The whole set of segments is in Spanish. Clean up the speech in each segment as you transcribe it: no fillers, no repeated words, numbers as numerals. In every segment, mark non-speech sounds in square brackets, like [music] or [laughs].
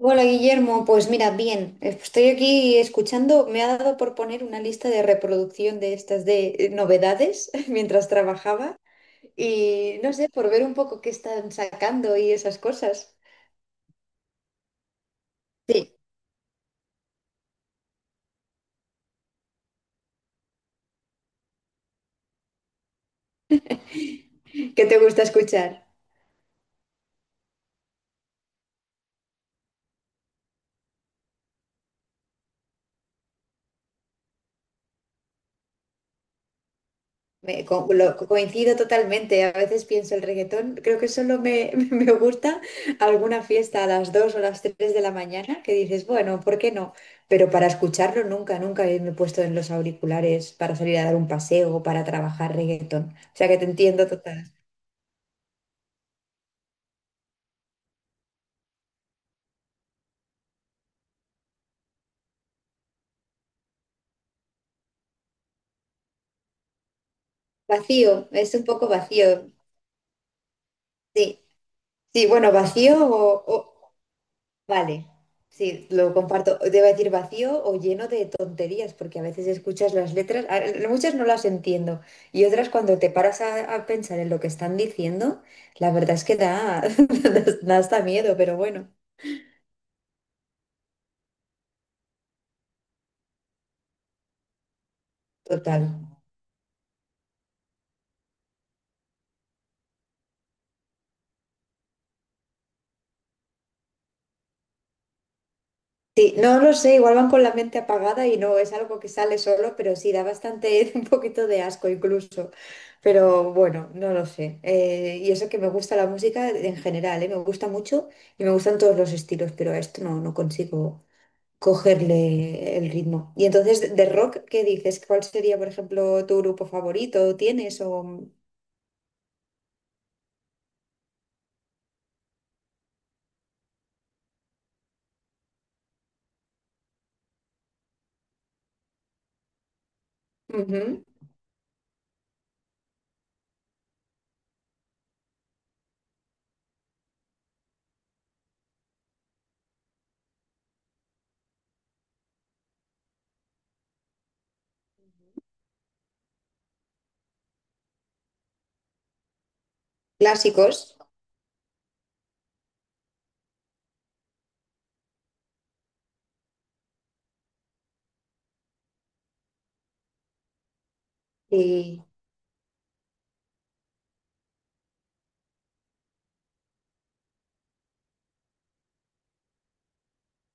Hola Guillermo, pues mira, bien, estoy aquí escuchando, me ha dado por poner una lista de reproducción de estas de novedades [laughs] mientras trabajaba y no sé, por ver un poco qué están sacando y esas cosas. Sí. ¿Qué te gusta escuchar? Coincido totalmente. A veces pienso el reggaetón, creo que solo me, [laughs] me gusta alguna fiesta a las 2 o las 3 de la mañana que dices, bueno, ¿por qué no? Pero para escucharlo nunca, nunca me he puesto en los auriculares para salir a dar un paseo, para trabajar reggaetón. O sea que te entiendo total. Vacío, es un poco vacío. Sí, sí, bueno, Vale, sí, lo comparto. Debo decir vacío o lleno de tonterías, porque a veces escuchas las letras, muchas no las entiendo, y otras cuando te paras a pensar en lo que están diciendo, la verdad es que da, [laughs] da hasta miedo, pero bueno, total. Sí, no lo sé, igual van con la mente apagada y no es algo que sale solo, pero sí da bastante, [laughs] un poquito de asco incluso. Pero bueno, no lo sé. Y eso que me gusta la música en general, ¿eh? Me gusta mucho y me gustan todos los estilos, pero a esto no, no consigo cogerle el ritmo. Y entonces, de rock, ¿qué dices? ¿Cuál sería, por ejemplo, tu grupo favorito? ¿Tienes o ujú, clásicos y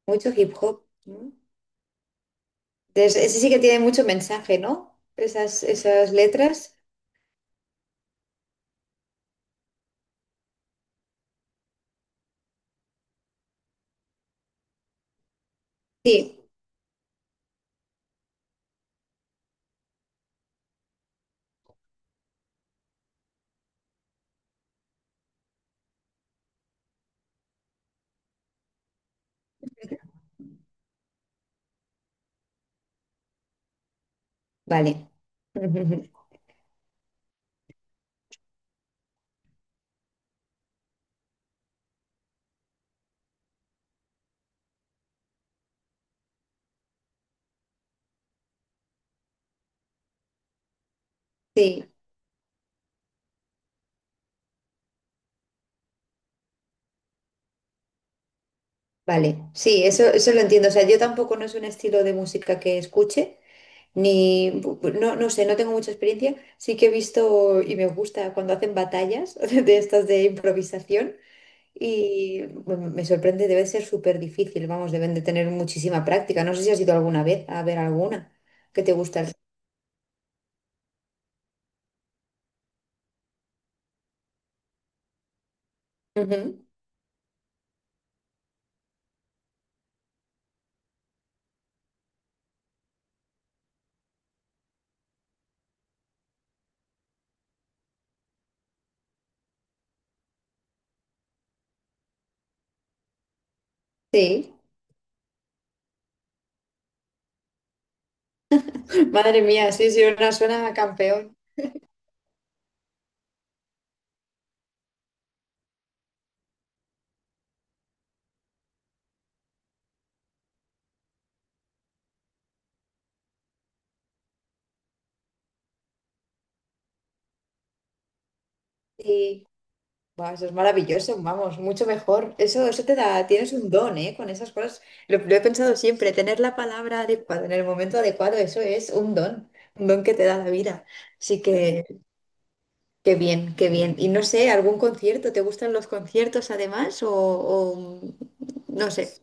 mucho hip hop? ¿No? Ese sí que tiene mucho mensaje, ¿no? Esas, esas letras. Sí, vale. [laughs] Sí, vale. Sí, eso lo entiendo. O sea, yo tampoco no es un estilo de música que escuche, ni, no, no sé, no tengo mucha experiencia. Sí que he visto y me gusta cuando hacen batallas [laughs] de estas de improvisación y bueno, me sorprende, debe ser súper difícil, vamos, deben de tener muchísima práctica. No sé si has ido alguna vez a ver alguna que te gusta. Ujú. Sí. Madre mía, sí, sí, una suena a campeón. Y buah, eso es maravilloso, vamos, mucho mejor. Eso te da, tienes un don, ¿eh? Con esas cosas. Lo he pensado siempre, tener la palabra adecuada en el momento adecuado, eso es un don que te da la vida. Así que, qué bien, qué bien. Y no sé, ¿algún concierto? ¿Te gustan los conciertos además? No sé.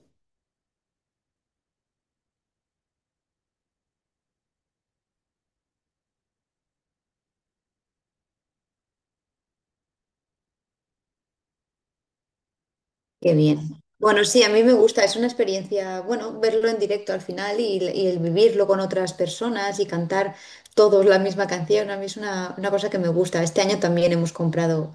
Qué bien. Bueno, sí, a mí me gusta, es una experiencia, bueno, verlo en directo al final y el vivirlo con otras personas y cantar todos la misma canción, a mí es una cosa que me gusta. Este año también hemos comprado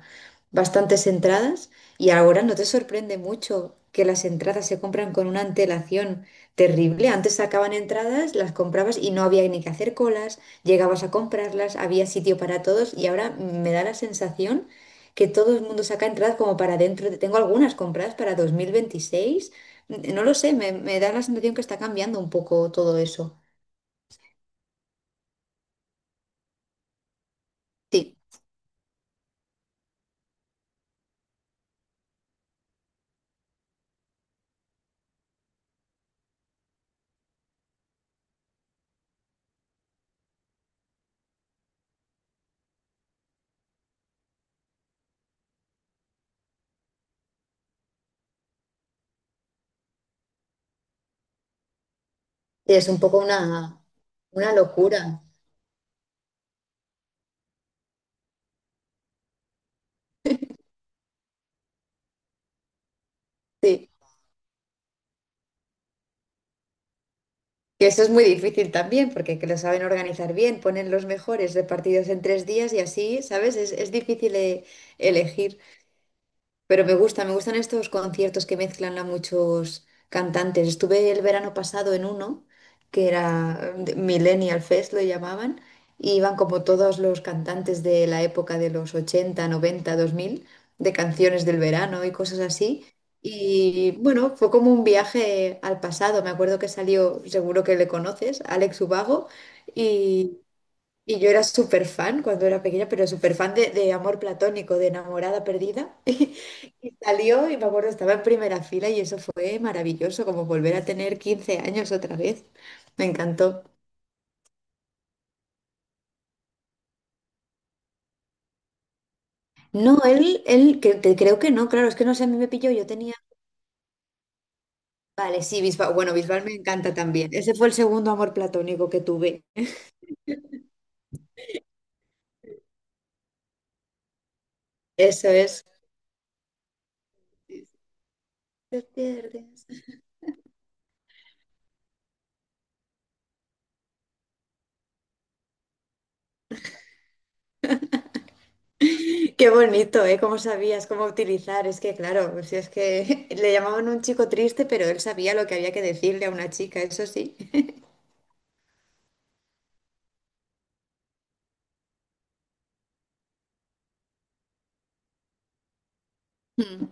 bastantes entradas y ahora no te sorprende mucho que las entradas se compran con una antelación terrible. Antes sacaban entradas, las comprabas y no había ni que hacer colas, llegabas a comprarlas, había sitio para todos y ahora me da la sensación que todo el mundo saca entradas como para dentro. Tengo algunas compradas para 2026. No lo sé, me da la sensación que está cambiando un poco todo eso. Sí, es un poco una locura. Sí, que eso es muy difícil también, porque que lo saben organizar bien, ponen los mejores repartidos en tres días y así, ¿sabes? Es difícil elegir. Pero me gusta, me gustan estos conciertos que mezclan a muchos cantantes. Estuve el verano pasado en uno, que era Millennial Fest, lo llamaban, y iban como todos los cantantes de la época de los ochenta noventa dos mil de canciones del verano y cosas así. Y bueno, fue como un viaje al pasado. Me acuerdo que salió, seguro que le conoces, Alex Ubago, y yo era súper fan cuando era pequeña, pero súper fan de amor platónico, de enamorada perdida. [laughs] Y salió y me acuerdo, estaba en primera fila y eso fue maravilloso, como volver a tener 15 años otra vez. Me encantó. No, creo que no, claro, es que no sé, a mí me pilló, yo tenía... Vale, sí, Bisbal, bueno, Bisbal me encanta también. Ese fue el segundo amor platónico que tuve. Eso es. Te pierdes. Qué bonito, ¿eh? ¿Cómo sabías cómo utilizar? Es que, claro, pues si es que [laughs] le llamaban un chico triste, pero él sabía lo que había que decirle a una chica, eso sí. [laughs] Mm.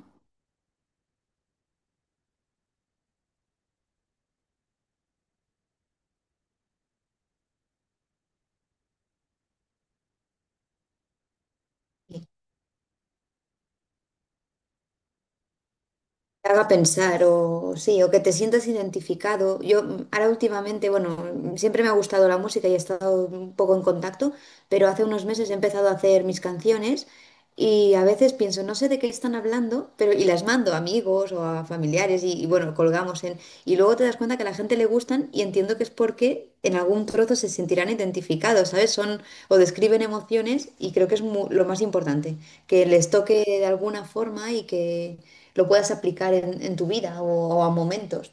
Te haga pensar o sí, o que te sientas identificado. Yo ahora últimamente, bueno, siempre me ha gustado la música y he estado un poco en contacto, pero hace unos meses he empezado a hacer mis canciones y a veces pienso, no sé de qué están hablando, pero y las mando a amigos o a familiares bueno, colgamos en y luego te das cuenta que a la gente le gustan y entiendo que es porque en algún trozo se sentirán identificados, ¿sabes? Son o describen emociones y creo que es lo más importante, que les toque de alguna forma y que lo puedas aplicar en tu vida o a momentos.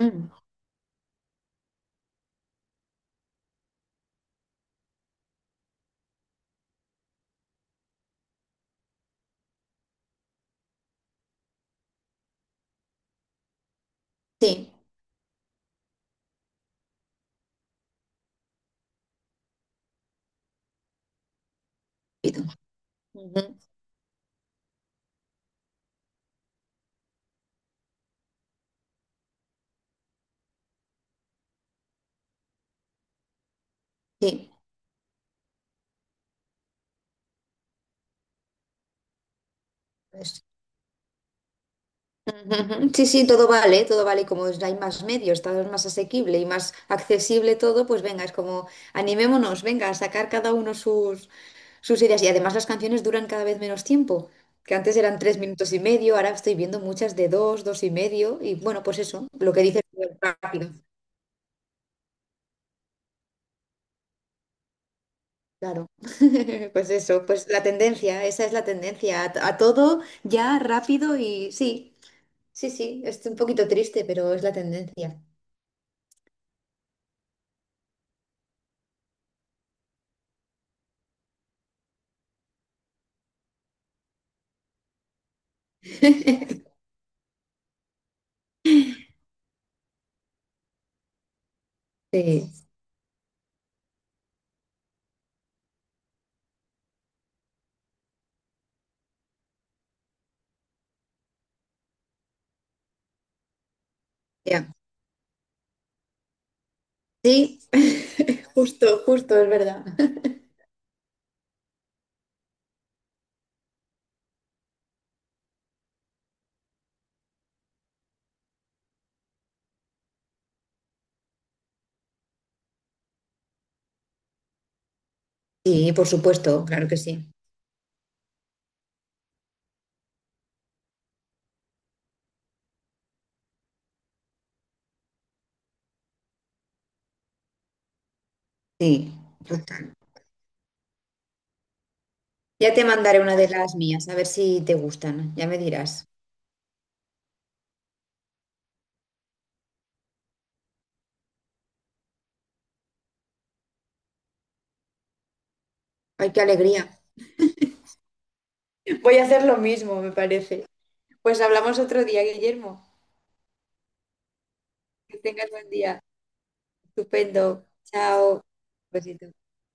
Mm, sí, y tú, ujú, sí. Pues, ujú, sí, sí, todo vale, todo vale. Como hay más medios, está más asequible y más accesible todo, pues venga, es como animémonos, venga, a sacar cada uno sus, sus ideas. Y además las canciones duran cada vez menos tiempo, que antes eran 3 minutos y medio, ahora estoy viendo muchas de dos, dos y medio, y bueno, pues eso, lo que dices, pues, rápido. Claro, [laughs] pues eso, pues la tendencia, esa es la tendencia, a todo ya rápido y sí, sí, sí, es un poquito triste, pero es la tendencia. [laughs] Sí, ya. Sí, [laughs] justo, justo, es verdad. [laughs] Sí, por supuesto, claro que sí. Sí, total. Ya te mandaré una de las mías, a ver si te gustan, ya me dirás. Ay, qué alegría. [laughs] Voy a hacer lo mismo, me parece. Pues hablamos otro día, Guillermo. Que tengas buen día. Estupendo. Chao. Besito.